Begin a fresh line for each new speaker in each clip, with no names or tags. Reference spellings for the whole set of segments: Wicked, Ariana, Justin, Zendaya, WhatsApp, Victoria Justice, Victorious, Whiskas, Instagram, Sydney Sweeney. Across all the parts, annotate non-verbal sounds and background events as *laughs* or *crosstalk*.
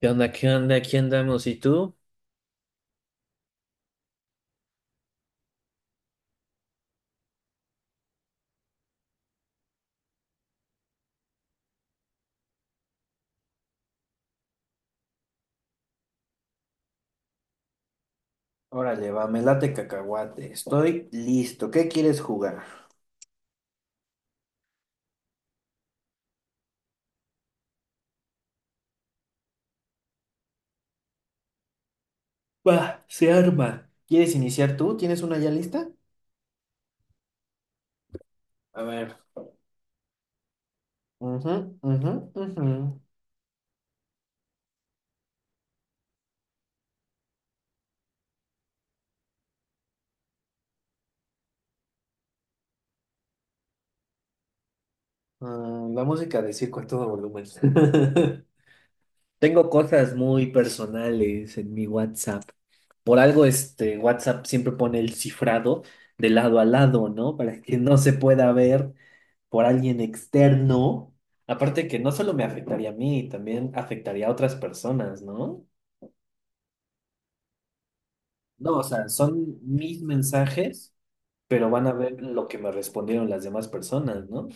¿Qué onda? ¿Qué onda? Aquí andamos. ¿Y tú? Órale, va, me late cacahuate. Estoy listo. ¿Qué quieres jugar? Va, se arma. ¿Quieres iniciar tú? ¿Tienes una ya lista? A ver. Ujú, ujú, ujú. Ah, la música de circo a todo volumen. *laughs* Tengo cosas muy personales en mi WhatsApp. Por algo, este WhatsApp siempre pone el cifrado de lado a lado, ¿no? Para que no se pueda ver por alguien externo, aparte que no solo me afectaría a mí, también afectaría a otras personas, ¿no? No, o sea, son mis mensajes, pero van a ver lo que me respondieron las demás personas, ¿no?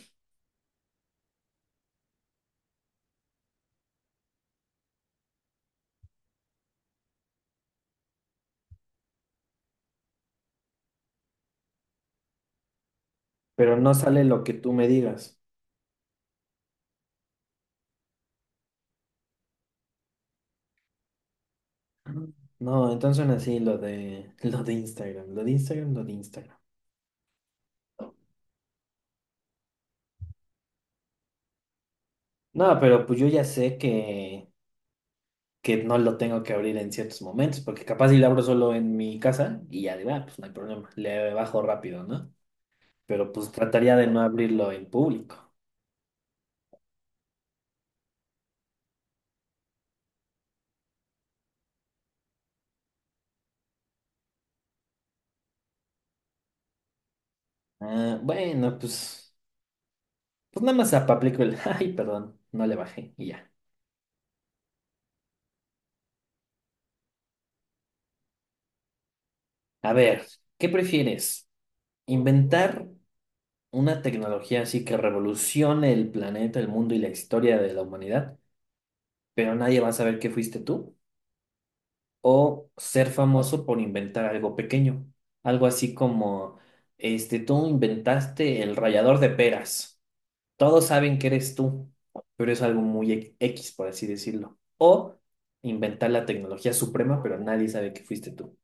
Pero no sale lo que tú me digas. No, entonces así lo de *laughs* lo de Instagram, lo de Instagram, lo de Instagram. No, pero pues yo ya sé que no lo tengo que abrir en ciertos momentos, porque capaz si lo abro solo en mi casa y ya digo, ah, pues no hay problema, le bajo rápido, ¿no? Pero pues trataría de no abrirlo en público. Ah, bueno, pues, pues nada más aplico el, *laughs* ay, perdón, no le bajé y ya. A ver, ¿qué prefieres? ¿Inventar una tecnología así que revolucione el planeta, el mundo y la historia de la humanidad, pero nadie va a saber que fuiste tú? ¿O ser famoso por inventar algo pequeño? Algo así como, este, tú inventaste el rallador de peras. Todos saben que eres tú, pero es algo muy e- X, por así decirlo. O inventar la tecnología suprema, pero nadie sabe que fuiste tú.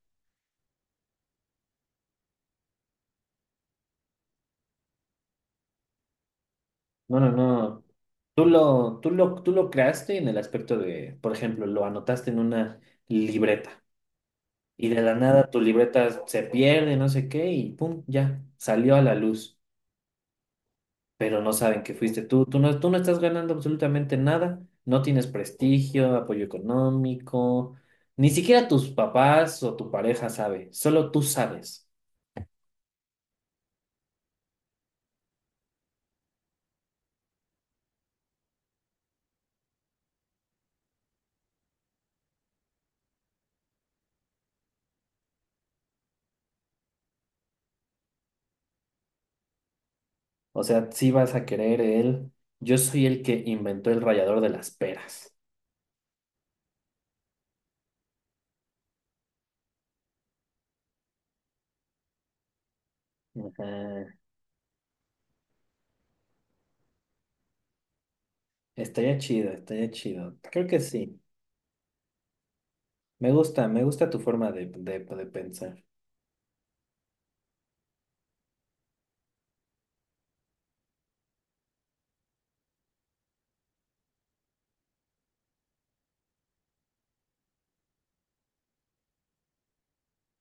No, no, no. Tú lo creaste en el aspecto de, por ejemplo, lo anotaste en una libreta y de la nada tu libreta se pierde, no sé qué, y pum, ya, salió a la luz. Pero no saben que fuiste tú. Tú no estás ganando absolutamente nada, no tienes prestigio, apoyo económico, ni siquiera tus papás o tu pareja sabe, solo tú sabes. O sea, sí vas a querer el, yo soy el que inventó el rallador de las peras. Ajá. Estaría chido, estaría chido. Creo que sí. Me gusta tu forma de pensar.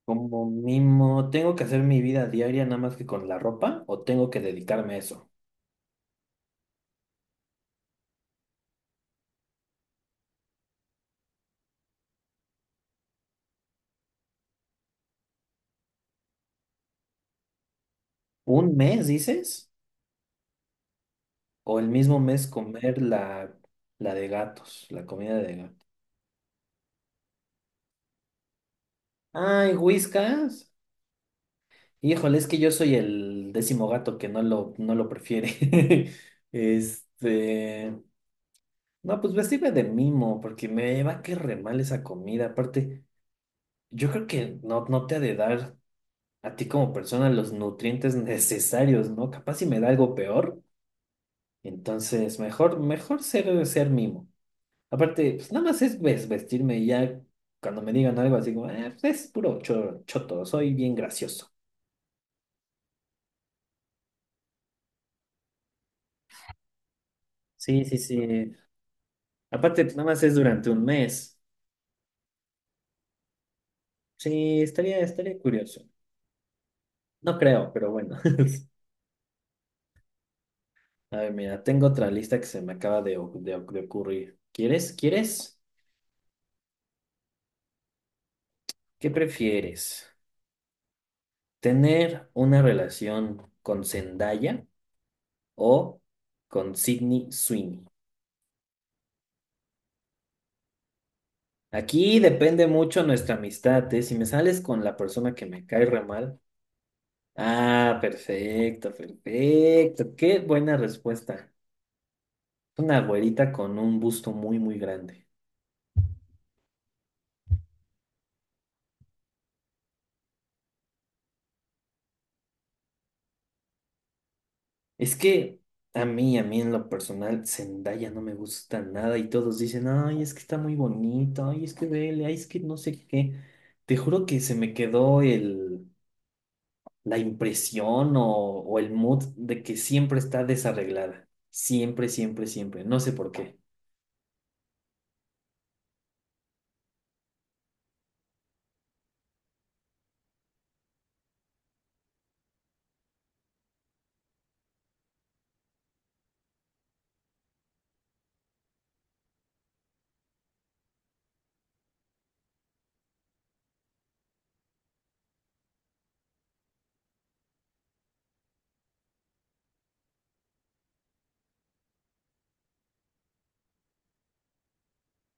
Como mimo, ¿tengo que hacer mi vida diaria nada más que con la ropa o tengo que dedicarme a eso? ¿Un mes, dices? O el mismo mes comer la, la de gatos, la comida de gato. Ay, Whiskas. Híjole, es que yo soy el décimo gato que no lo, no lo prefiere. *laughs* Este. No, pues vestirme de mimo, porque me va a caer re mal esa comida. Aparte, yo creo que no, no te ha de dar a ti como persona los nutrientes necesarios, ¿no? Capaz si me da algo peor. Entonces, mejor, mejor ser, ser mimo. Aparte, pues nada más es ves- vestirme y ya cuando me digan algo así como, "Ah, pues es puro cho- choto, soy bien gracioso". Sí, sí, sí. Aparte, pues nada más es durante un mes. Sí, estaría, estaría curioso. No creo, pero bueno. *laughs* A ver, mira, tengo otra lista que se me acaba de, o- de, oc- de ocurrir. ¿Quieres? ¿Quieres? ¿Qué prefieres? ¿Tener una relación con Zendaya o con Sydney Sweeney? Aquí depende mucho nuestra amistad, ¿eh? Si me sales con la persona que me cae re mal. Ah, perfecto, perfecto. Qué buena respuesta. Una güerita con un busto muy, muy grande. Es que a mí en lo personal, Zendaya no me gusta nada y todos dicen, ay, es que está muy bonito, ay, es que vele, ay, es que no sé qué. Te juro que se me quedó el, la impresión o el mood de que siempre está desarreglada. Siempre, siempre, siempre. No sé por qué.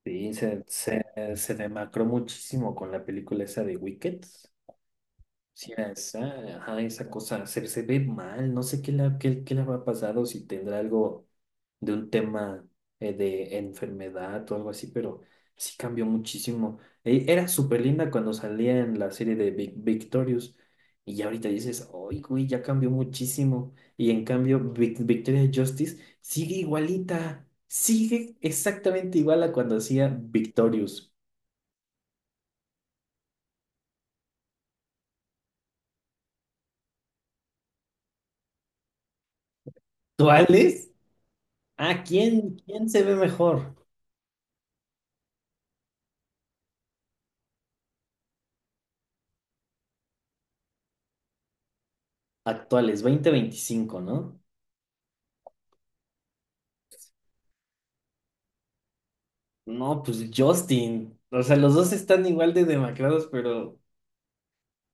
Sí, se demacró muchísimo con la película esa de Wicked. Sí, a esa, ajá, esa cosa se, se ve mal, no sé qué le, qué, qué le habrá pasado, si tendrá algo de un tema de enfermedad o algo así, pero sí cambió muchísimo. E- era súper linda cuando salía en la serie de Vic- Victorious y ya ahorita dices, ¡ay, güey, ya cambió muchísimo! Y en cambio, Vic- Victoria Justice sigue igualita, sigue exactamente igual a cuando hacía Victorious. ¿Cuál es? ¿A quién, quién se ve mejor? Actuales, 2025, ¿no? No, pues Justin. O sea, los dos están igual de demacrados,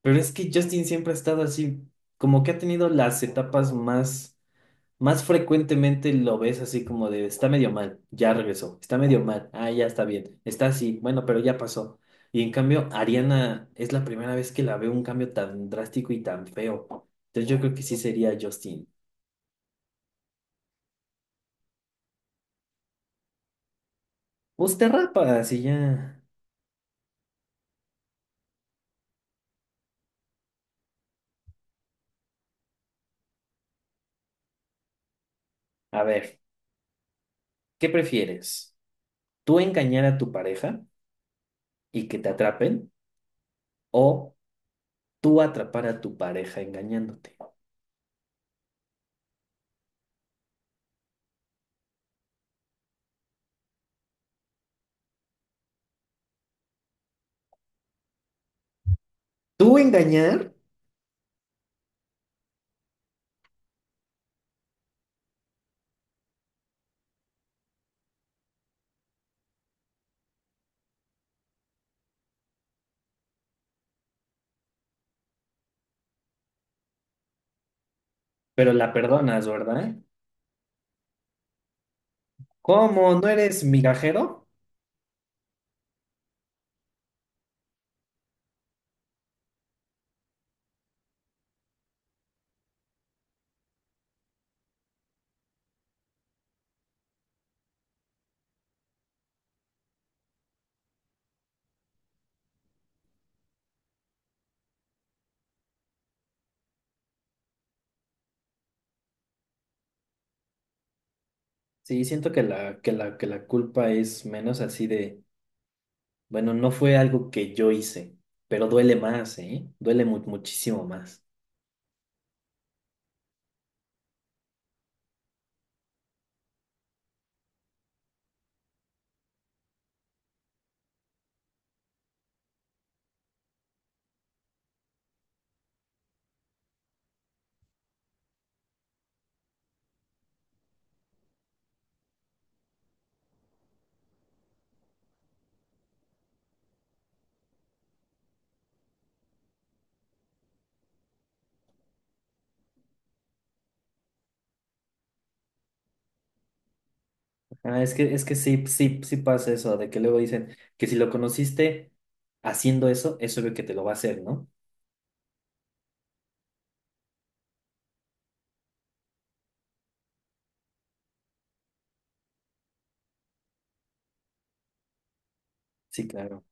pero es que Justin siempre ha estado así, como que ha tenido las etapas más, más frecuentemente lo ves así como de, está medio mal, ya regresó, está medio mal, ah, ya está bien, está así, bueno, pero ya pasó. Y en cambio, Ariana es la primera vez que la veo un cambio tan drástico y tan feo. Entonces yo creo que sí sería Justin. Pues te rapas y ya. A ver, ¿qué prefieres? Tú engañar a tu pareja y que te atrapen o tú atrapar a tu pareja engañándote. Tú engañar, pero la perdonas, ¿verdad? ¿Cómo? ¿No eres migajero? Sí, siento que la culpa es menos así de, bueno, no fue algo que yo hice, pero duele más, ¿eh? Duele mu- muchísimo más. Ah, es que sí, sí, sí pasa eso, de que luego dicen que si lo conociste haciendo eso, es obvio que te lo va a hacer, ¿no? Sí, claro.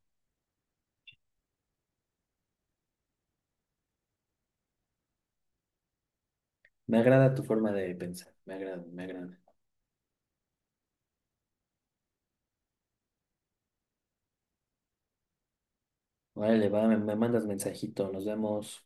Me agrada tu forma de pensar, me agrada, me agrada. Órale, va, me mandas mensajito, nos vemos.